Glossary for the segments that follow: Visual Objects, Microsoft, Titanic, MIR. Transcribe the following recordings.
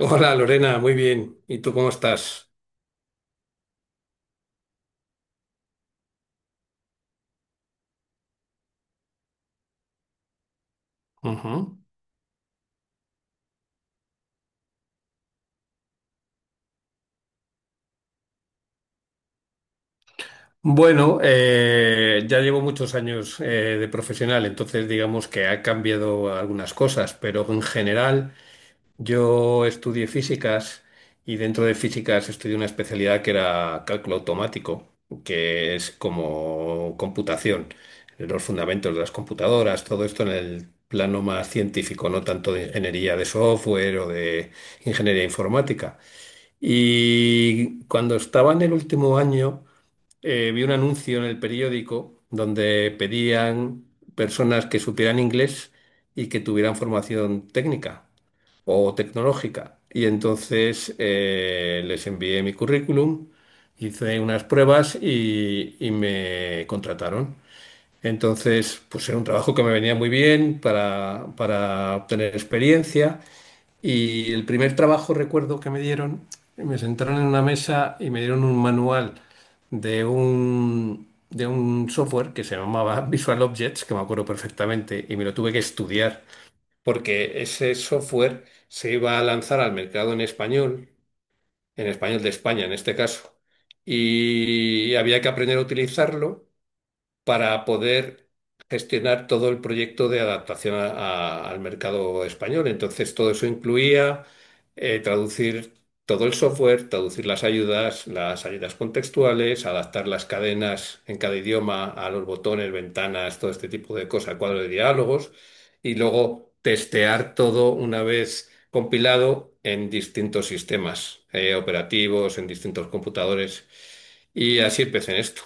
Hola Lorena, muy bien. ¿Y tú cómo estás? Ujú. Bueno, ya llevo muchos años de profesional, entonces digamos que ha cambiado algunas cosas, pero en general yo estudié físicas y dentro de físicas estudié una especialidad que era cálculo automático, que es como computación, los fundamentos de las computadoras, todo esto en el plano más científico, no tanto de ingeniería de software o de ingeniería informática. Y cuando estaba en el último año, vi un anuncio en el periódico donde pedían personas que supieran inglés y que tuvieran formación técnica o tecnológica. Y entonces les envié mi currículum, hice unas pruebas y me contrataron. Entonces, pues era un trabajo que me venía muy bien para obtener experiencia. Y el primer trabajo, recuerdo que me dieron, me sentaron en una mesa y me dieron un manual de un software que se llamaba Visual Objects, que me acuerdo perfectamente, y me lo tuve que estudiar, porque ese software se iba a lanzar al mercado en español de España en este caso, y había que aprender a utilizarlo para poder gestionar todo el proyecto de adaptación al mercado español. Entonces, todo eso incluía traducir todo el software, traducir las ayudas contextuales, adaptar las cadenas en cada idioma a los botones, ventanas, todo este tipo de cosas, cuadro de diálogos, y luego testear todo una vez compilado en distintos sistemas operativos, en distintos computadores. Y así empecé en esto.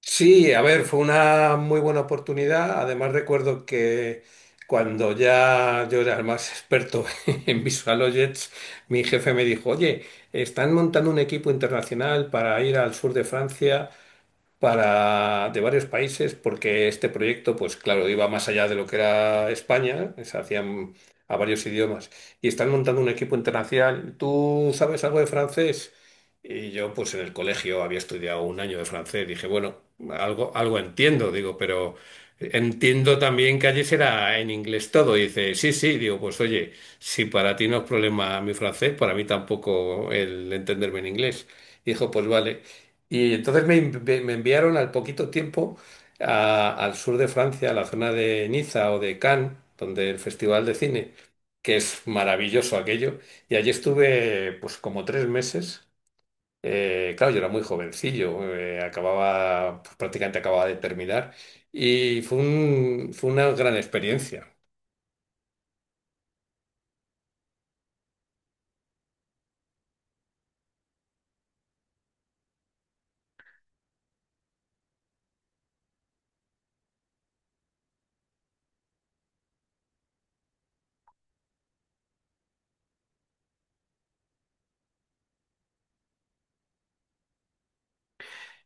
Sí, a ver, fue una muy buena oportunidad. Además recuerdo que cuando ya yo era el más experto en VisualOyets, mi jefe me dijo, oye, están montando un equipo internacional para ir al sur de Francia para, de varios países, porque este proyecto, pues claro, iba más allá de lo que era España, se hacían a varios idiomas, y están montando un equipo internacional. ¿Tú sabes algo de francés? Y yo, pues en el colegio había estudiado un año de francés, dije, bueno, algo, algo entiendo, digo, pero entiendo también que allí será en inglés todo. Y dice, sí, sí, digo, pues oye, si para ti no es problema mi francés, para mí tampoco el entenderme en inglés. Dijo, pues vale. Y entonces me enviaron al poquito tiempo al sur de Francia, a la zona de Niza o de Cannes, donde el Festival de Cine, que es maravilloso aquello. Y allí estuve pues como tres meses. Claro, yo era muy jovencillo, acababa, pues, prácticamente acababa de terminar. Y fue una gran experiencia.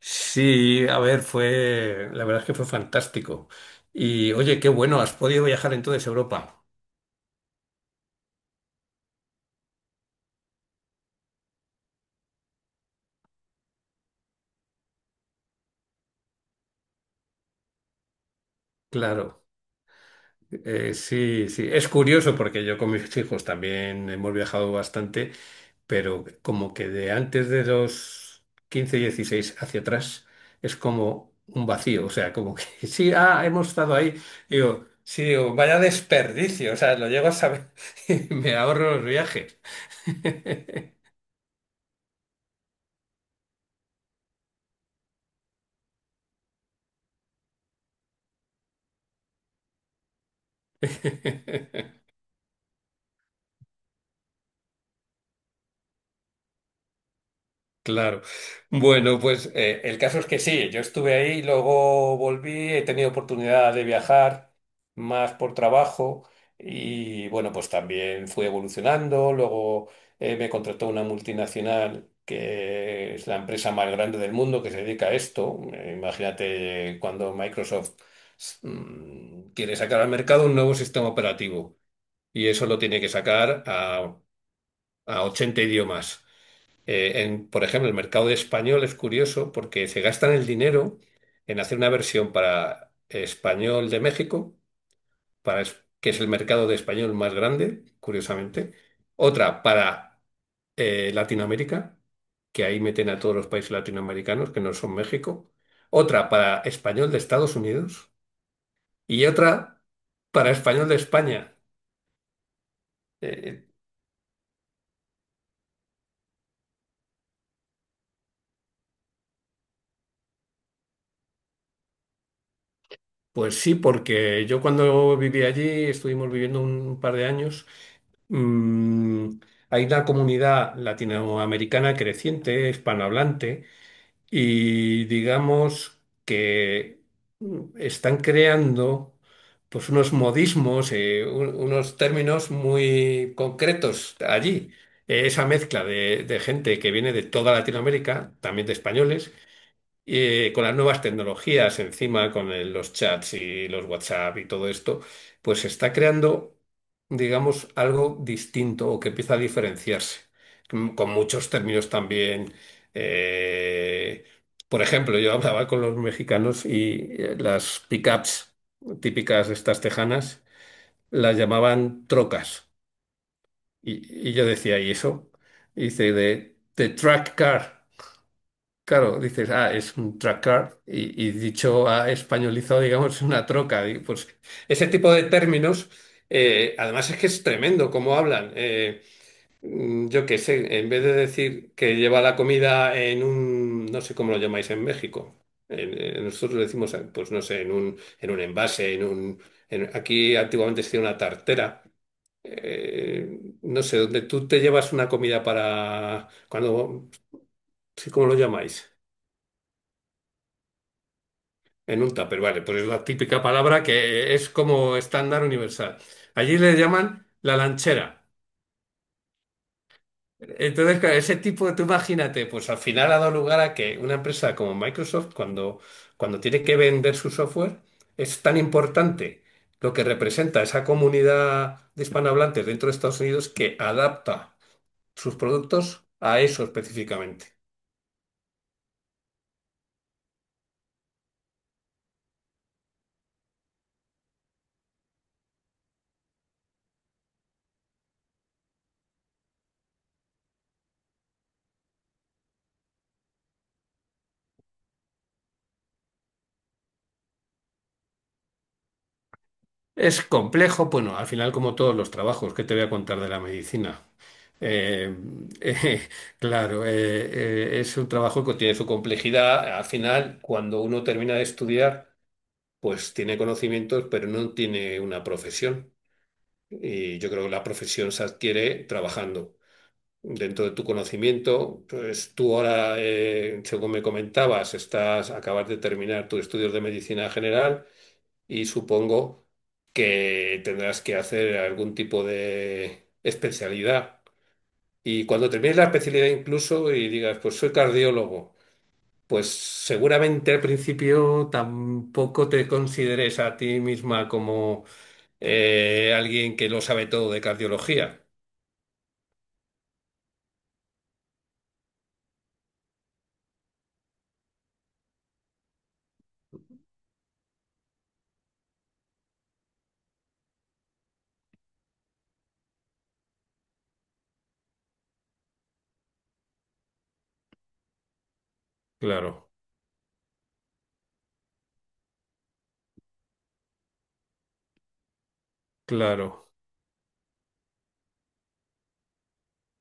Sí, a ver, la verdad es que fue fantástico. Y oye, qué bueno, has podido viajar entonces a Europa. Claro. Sí, sí, es curioso porque yo con mis hijos también hemos viajado bastante, pero como que de antes de los 15, 16 hacia atrás es como un vacío, o sea, como que sí, ah, hemos estado ahí, digo, sí, digo, vaya desperdicio, o sea, lo llego a saber y me ahorro los viajes. Claro. Bueno, pues el caso es que sí, yo estuve ahí, luego volví, he tenido oportunidad de viajar más por trabajo y bueno, pues también fui evolucionando, luego me contrató una multinacional que es la empresa más grande del mundo que se dedica a esto. Imagínate cuando Microsoft quiere sacar al mercado un nuevo sistema operativo y eso lo tiene que sacar a 80 idiomas. Por ejemplo, el mercado español es curioso porque se gastan el dinero en hacer una versión para español de México, que es el mercado de español más grande, curiosamente. Otra para Latinoamérica, que ahí meten a todos los países latinoamericanos que no son México. Otra para español de Estados Unidos y otra para español de España. Eh, pues sí, porque yo cuando viví allí estuvimos viviendo un par de años. Mm, Hay una comunidad latinoamericana creciente, hispanohablante, y digamos que están creando pues unos modismos, unos términos muy concretos allí. Esa mezcla de gente que viene de toda Latinoamérica, también de españoles, con las nuevas tecnologías encima, con los chats y los WhatsApp y todo esto, pues se está creando, digamos, algo distinto o que empieza a diferenciarse, con muchos términos también. eh, por ejemplo, yo hablaba con los mexicanos y las pickups típicas de estas tejanas las llamaban trocas. Y yo decía, ¿y eso? Y dice, de track car. Claro, dices, ah, es un tracker y dicho a españolizado, digamos, es una troca. Y, pues ese tipo de términos, además es que es tremendo cómo hablan. Yo qué sé, en vez de decir que lleva la comida en un, no sé cómo lo llamáis en México, nosotros decimos, pues no sé, en un, en un envase, aquí antiguamente se decía una tartera. No sé, donde tú te llevas una comida para, cuando, sí, ¿cómo lo llamáis? En un tupper, vale, pues es la típica palabra que es como estándar universal. Allí le llaman la lanchera. Entonces, claro, ese tipo de, tú imagínate, pues al final ha dado lugar a que una empresa como Microsoft, cuando tiene que vender su software, es tan importante lo que representa esa comunidad de hispanohablantes dentro de Estados Unidos que adapta sus productos a eso específicamente. Es complejo, bueno, al final como todos los trabajos que te voy a contar de la medicina. Eh, eh, claro, es un trabajo que tiene su complejidad. Al final, cuando uno termina de estudiar, pues tiene conocimientos, pero no tiene una profesión. Y yo creo que la profesión se adquiere trabajando. Dentro de tu conocimiento, pues tú ahora, según me comentabas, acabas de terminar tus estudios de medicina general y supongo que tendrás que hacer algún tipo de especialidad. Y cuando termines la especialidad incluso y digas, pues soy cardiólogo, pues seguramente al principio tampoco te consideres a ti misma como alguien que lo sabe todo de cardiología. Claro, claro.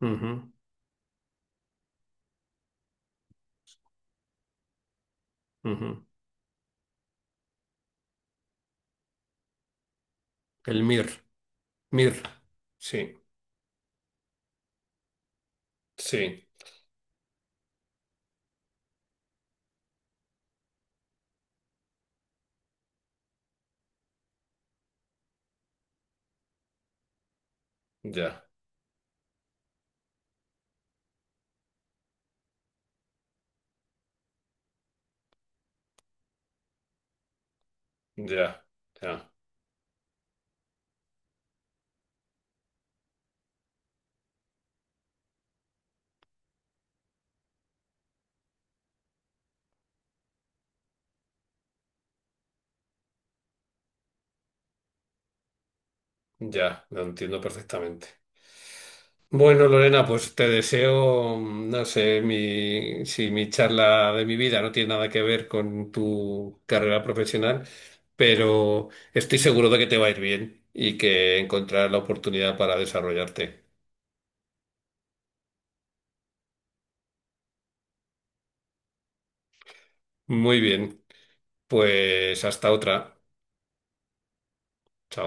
Ujú, ujú. El MIR, MIR. Sí, sí, ya, ya, ya, ya, lo entiendo perfectamente. Bueno, Lorena, pues te deseo, no sé, si mi charla de mi vida no tiene nada que ver con tu carrera profesional, pero estoy seguro de que te va a ir bien y que encontrarás la oportunidad para desarrollarte. Muy bien, pues hasta otra. Chao.